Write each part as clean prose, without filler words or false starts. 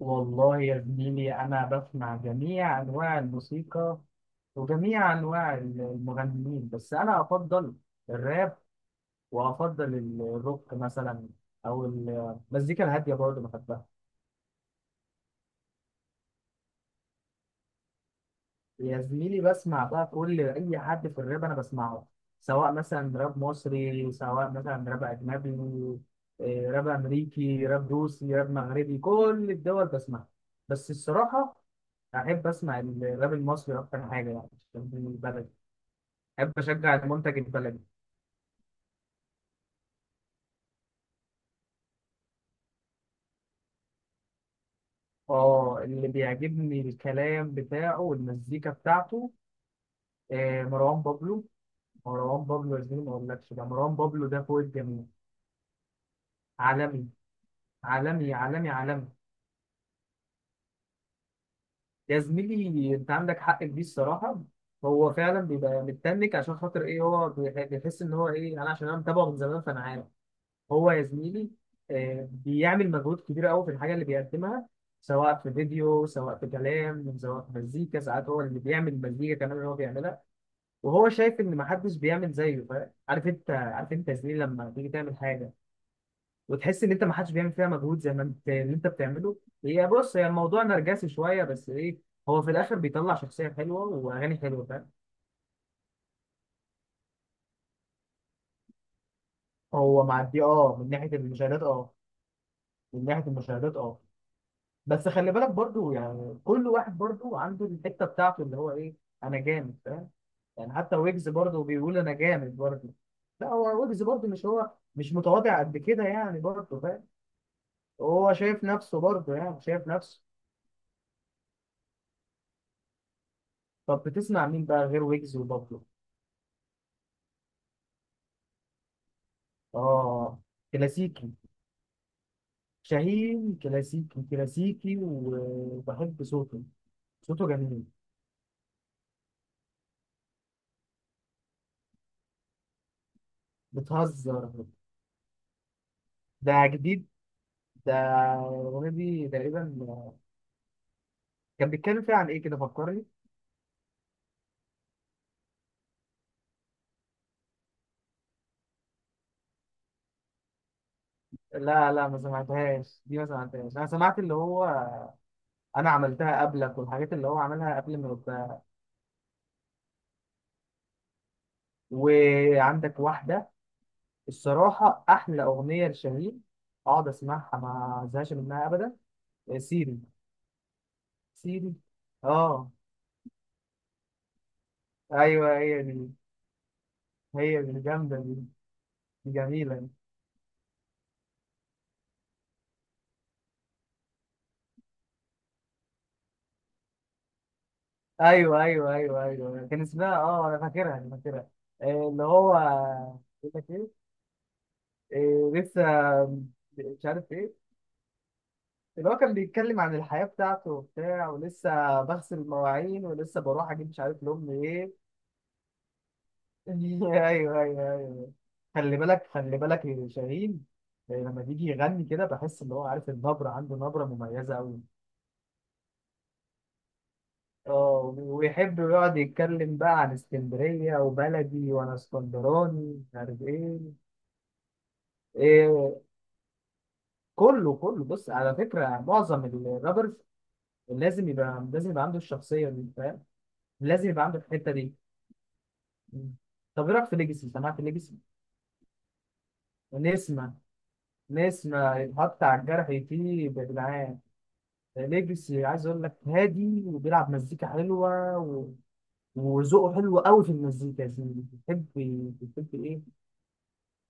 والله يا زميلي أنا بسمع جميع أنواع الموسيقى وجميع أنواع المغنيين، بس أنا أفضل الراب وأفضل الروك مثلا، أو المزيكا الهادية برضه بحبها. يا زميلي بسمع بقى كل أي حد في الراب أنا بسمعه، سواء مثلا راب مصري سواء مثلا راب أجنبي. راب أمريكي راب روسي راب مغربي، كل الدول بسمعها. بس الصراحة أحب أسمع الراب المصري أكتر حاجة يعني، عشان دي بلدي. أحب أشجع المنتج البلدي. اللي بيعجبني الكلام بتاعه والمزيكا بتاعته. مروان بابلو. مروان بابلو يا زميلي ما أقولكش، ده مروان بابلو ده فوق الجميع، عالمي. عالمي عالمي عالمي. يا زميلي أنت عندك حق في دي الصراحة. هو فعلا بيبقى متنك، عشان خاطر إيه، هو بيحس إن هو إيه، أنا عشان أنا متابعه من زمان فأنا عارف. هو يا زميلي، بيعمل مجهود كبير قوي في الحاجه اللي بيقدمها، سواء في فيديو سواء في كلام سواء في مزيكا. ساعات هو اللي بيعمل مزيكا كمان اللي هو بيعملها، وهو شايف ان محدش بيعمل زيه، فاهم؟ عارف انت، عارف انت يا زميلي، لما تيجي تعمل حاجه وتحس ان انت محدش بيعمل فيها مجهود زي ما انت اللي انت بتعمله. هي بص، هي الموضوع نرجسي شويه، بس ايه، هو في الاخر بيطلع شخصيه حلوه واغاني حلوه، فاهم؟ هو معدي، اه، من ناحيه المشاهدات اه. من ناحيه المشاهدات اه. بس خلي بالك برضو، يعني كل واحد برضو عنده الحته بتاعته اللي هو ايه، انا جامد فاهم. يعني حتى ويجز برضو بيقول انا جامد برضو. لا، هو ويجز برضو مش، هو مش متواضع قد كده يعني، برضو فاهم. هو شايف نفسه برضو، يعني شايف نفسه. طب بتسمع مين بقى غير ويجز وبابلو؟ اه، كلاسيكي. شاهين كلاسيكي كلاسيكي، وبحب صوته. صوته جميل. بتهزر؟ ده جديد ده. الأغنية دي تقريبا كان بيتكلم فيها عن إيه، كده فكرني. لا لا، ما سمعتهاش دي، ما سمعتهاش. انا سمعت اللي هو انا عملتها قبلك، والحاجات اللي هو عملها قبل ما يبقى وعندك واحده. الصراحه احلى اغنيه لشاهين، اقعد اسمعها ما ازهقش منها ابدا: سيري. سيري. اه. ايوه هي دي. هي دي جامده دي. دي جميله دي. ايوه ايوه ايوه ايوه، كان اسمها اه، انا فاكرها انا فاكرها. اللي هو بيقول لك ايه، لسه مش عارف ايه. اللي هو كان بيتكلم عن الحياة بتاعته وبتاع، ولسه بغسل المواعين، ولسه بروح أجيب مش عارف لأمي إيه. أيوه أيوه أيوه. خلي بالك خلي بالك يا شاهين. لما بيجي يغني كده بحس إن هو، عارف، النبرة عنده نبرة مميزة أوي. اه ويحب يقعد يتكلم بقى عن اسكندرية وبلدي، وأنا اسكندراني مش عارف إيه. إيه، كله كله. بص، على فكرة معظم الرابرز لازم يبقى لازم يبقى عنده الشخصية دي، فاهم؟ لازم يبقى عنده الحتة دي. مم. طب ايه رايك في ليجاسي؟ سمعت ليجاسي؟ نسمة. نسمة يتحط على الجرح يطيب يا جدعان. ليجاسي عايز اقول لك هادي، وبيلعب مزيكا حلوه، و... وذوقه حلو قوي في المزيكا يا زميلي. بيحب، بيحب ايه،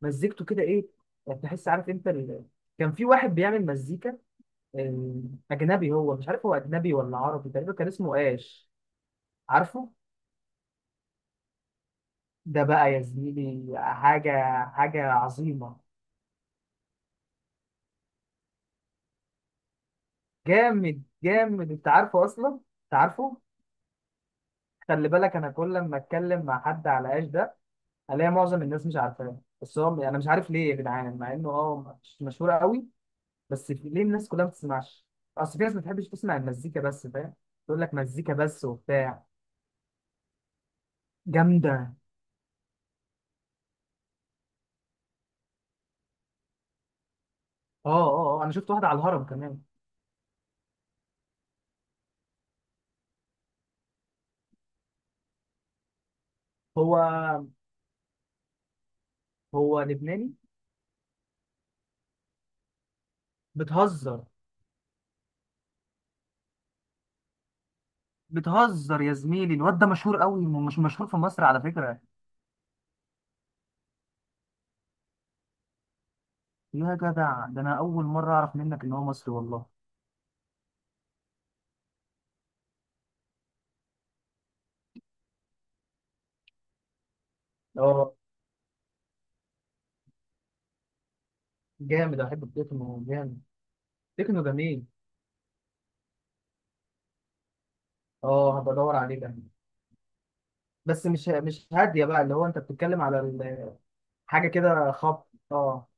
مزيكته كده ايه، يعني تحس، عارف انت ال... كان في واحد بيعمل مزيكا، آه، اجنبي. هو مش عارف هو اجنبي ولا عربي. تقريبا كان اسمه اش. عارفه؟ ده بقى يا زميلي حاجه حاجه عظيمه. جامد جامد، انت عارفه اصلا، انت عارفه. خلي بالك، انا كل لما اتكلم مع حد على ايش ده، الاقي معظم الناس مش عارفاه، بس هو انا مش عارف ليه يا جدعان، مع انه اه مش مشهوره قوي. بس ليه الناس كلها ما بتسمعش؟ اصل في ناس ما بتحبش تسمع المزيكا بس، فاهم؟ تقول لك مزيكا بس وبتاع. جامده. اه اه اه، انا شفت واحده على الهرم كمان. هو لبناني؟ بتهزر؟ بتهزر يا زميلي؟ الواد ده مشهور قوي، مش مشهور في مصر على فكره. يا جدع، ده انا اول مره اعرف منك ان هو مصري والله. اه جامد، انا بحب التكنو جامد. تكنو جميل. اه، هبقى ادور عليه ده. بس مش هاديه بقى، اللي هو انت بتتكلم على حاجه كده خبط، اه.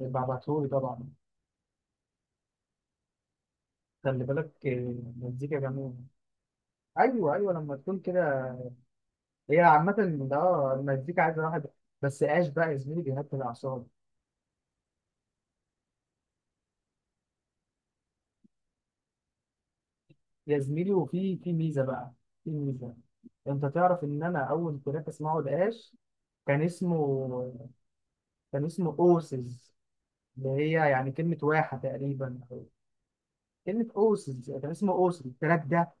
يبقى ابعتهولي طبعا. خلي بالك، المزيكا جميله. ايوه ايوه، لما تكون كده. هي عامه. اه، المزيكا عايزه واحد. بس ايش بقى يا زميلي بيهدي الاعصاب. يا زميلي، وفي ميزه بقى، في ميزه. انت تعرف ان انا اول تراك اسمعه لقاش كان اسمه كان اسمه اوسز، اللي هي يعني كلمة واحة تقريبا، أو كلمة أوسز. يعني كان اسمه أوسز التراك ده.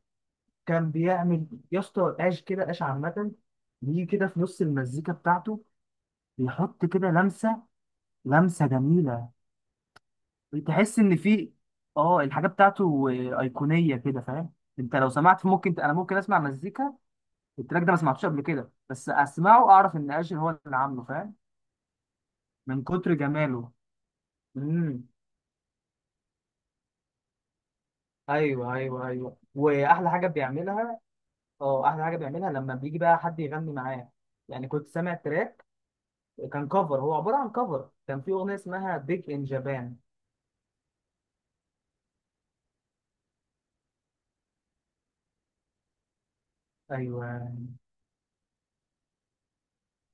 كان بيعمل يا اسطى قاش كده قاش، عامة بيجي كده في نص المزيكا بتاعته، بيحط كده لمسة جميلة. بتحس إن في، اه، الحاجة بتاعته أيقونية كده، فاهم؟ أنت لو سمعت، ممكن أنا، ممكن أسمع مزيكا التراك ده ما سمعتوش قبل كده، بس أسمعه أعرف إن قاش هو اللي عامله، فاهم؟ من كتر جماله. امم، ايوه ايوه ايوه. واحلى حاجه بيعملها، اه احلى حاجه بيعملها، لما بيجي بقى حد يغني معاه. يعني كنت سامع تراك كان كفر، هو عباره عن كفر. كان في اغنيه اسمها بيج ان جابان. ايوه،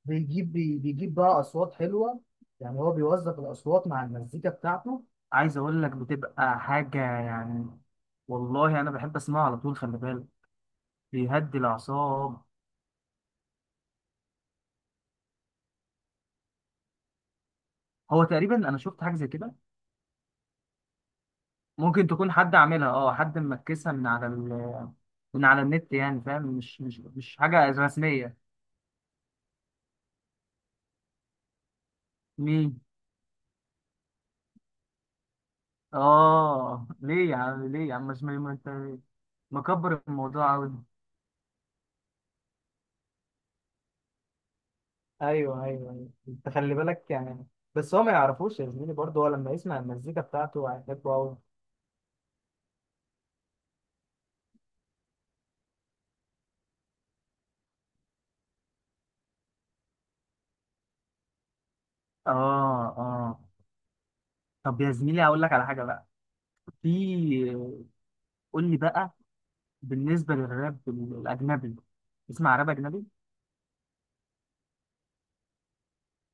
بيجيب بيجيب بقى اصوات حلوه، يعني هو بيوظف الاصوات مع المزيكا بتاعته. عايز اقول لك بتبقى حاجه يعني. والله انا بحب اسمعها على طول، خلي بالك. بيهدي الاعصاب. هو تقريبا انا شفت حاجه زي كده. ممكن تكون حد عاملها، اه حد مركزها من على ال، من على النت يعني، فاهم؟ مش حاجه رسميه. مين؟ اه ليه يا عم؟ ليه يا عم؟ مش، ما انت مكبر الموضوع قوي. ايوه ايوه أيوة. انت خلي بالك يعني، بس هو ما يعرفوش يا زميلي برضه، هو لما يسمع المزيكا بتاعته هيحبه قوي. اه اه. طب يا زميلي هقول لك على حاجه بقى. في، قول لي بقى، بالنسبه للراب الاجنبي، اسمع راب اجنبي؟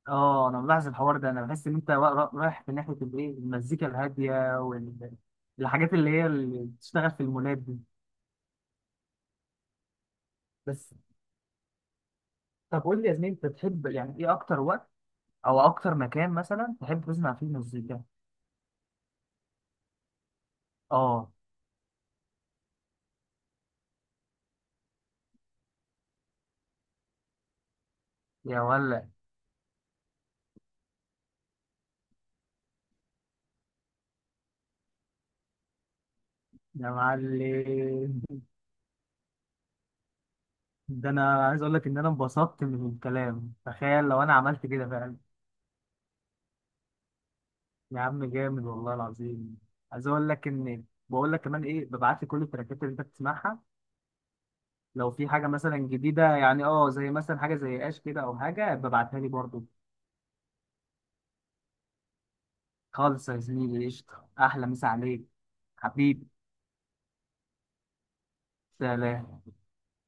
اه انا ملاحظ الحوار ده، انا بحس ان انت رايح في ناحيه الايه، المزيكا الهاديه، والحاجات اللي هي اللي بتشتغل في المولات دي. طب قول لي يا زميلي، انت بتحب يعني ايه اكتر وقت او اكتر مكان مثلا تحب تسمع فيه مزيكا؟ اه. يا ولا. يا معلم. ده انا عايز اقول لك ان انا انبسطت من الكلام، تخيل لو انا عملت كده فعلا. يا عم جامد والله العظيم. عايز اقول لك ان، بقول لك كمان ايه، ببعت لي كل التراكات اللي انت بتسمعها، لو في حاجه مثلا جديده يعني اه زي مثلا حاجه زي اش كده، او حاجه ببعتها لي برضو. خالص يا زميلي قشطه، احلى مسا عليك. حبيبي. سلام.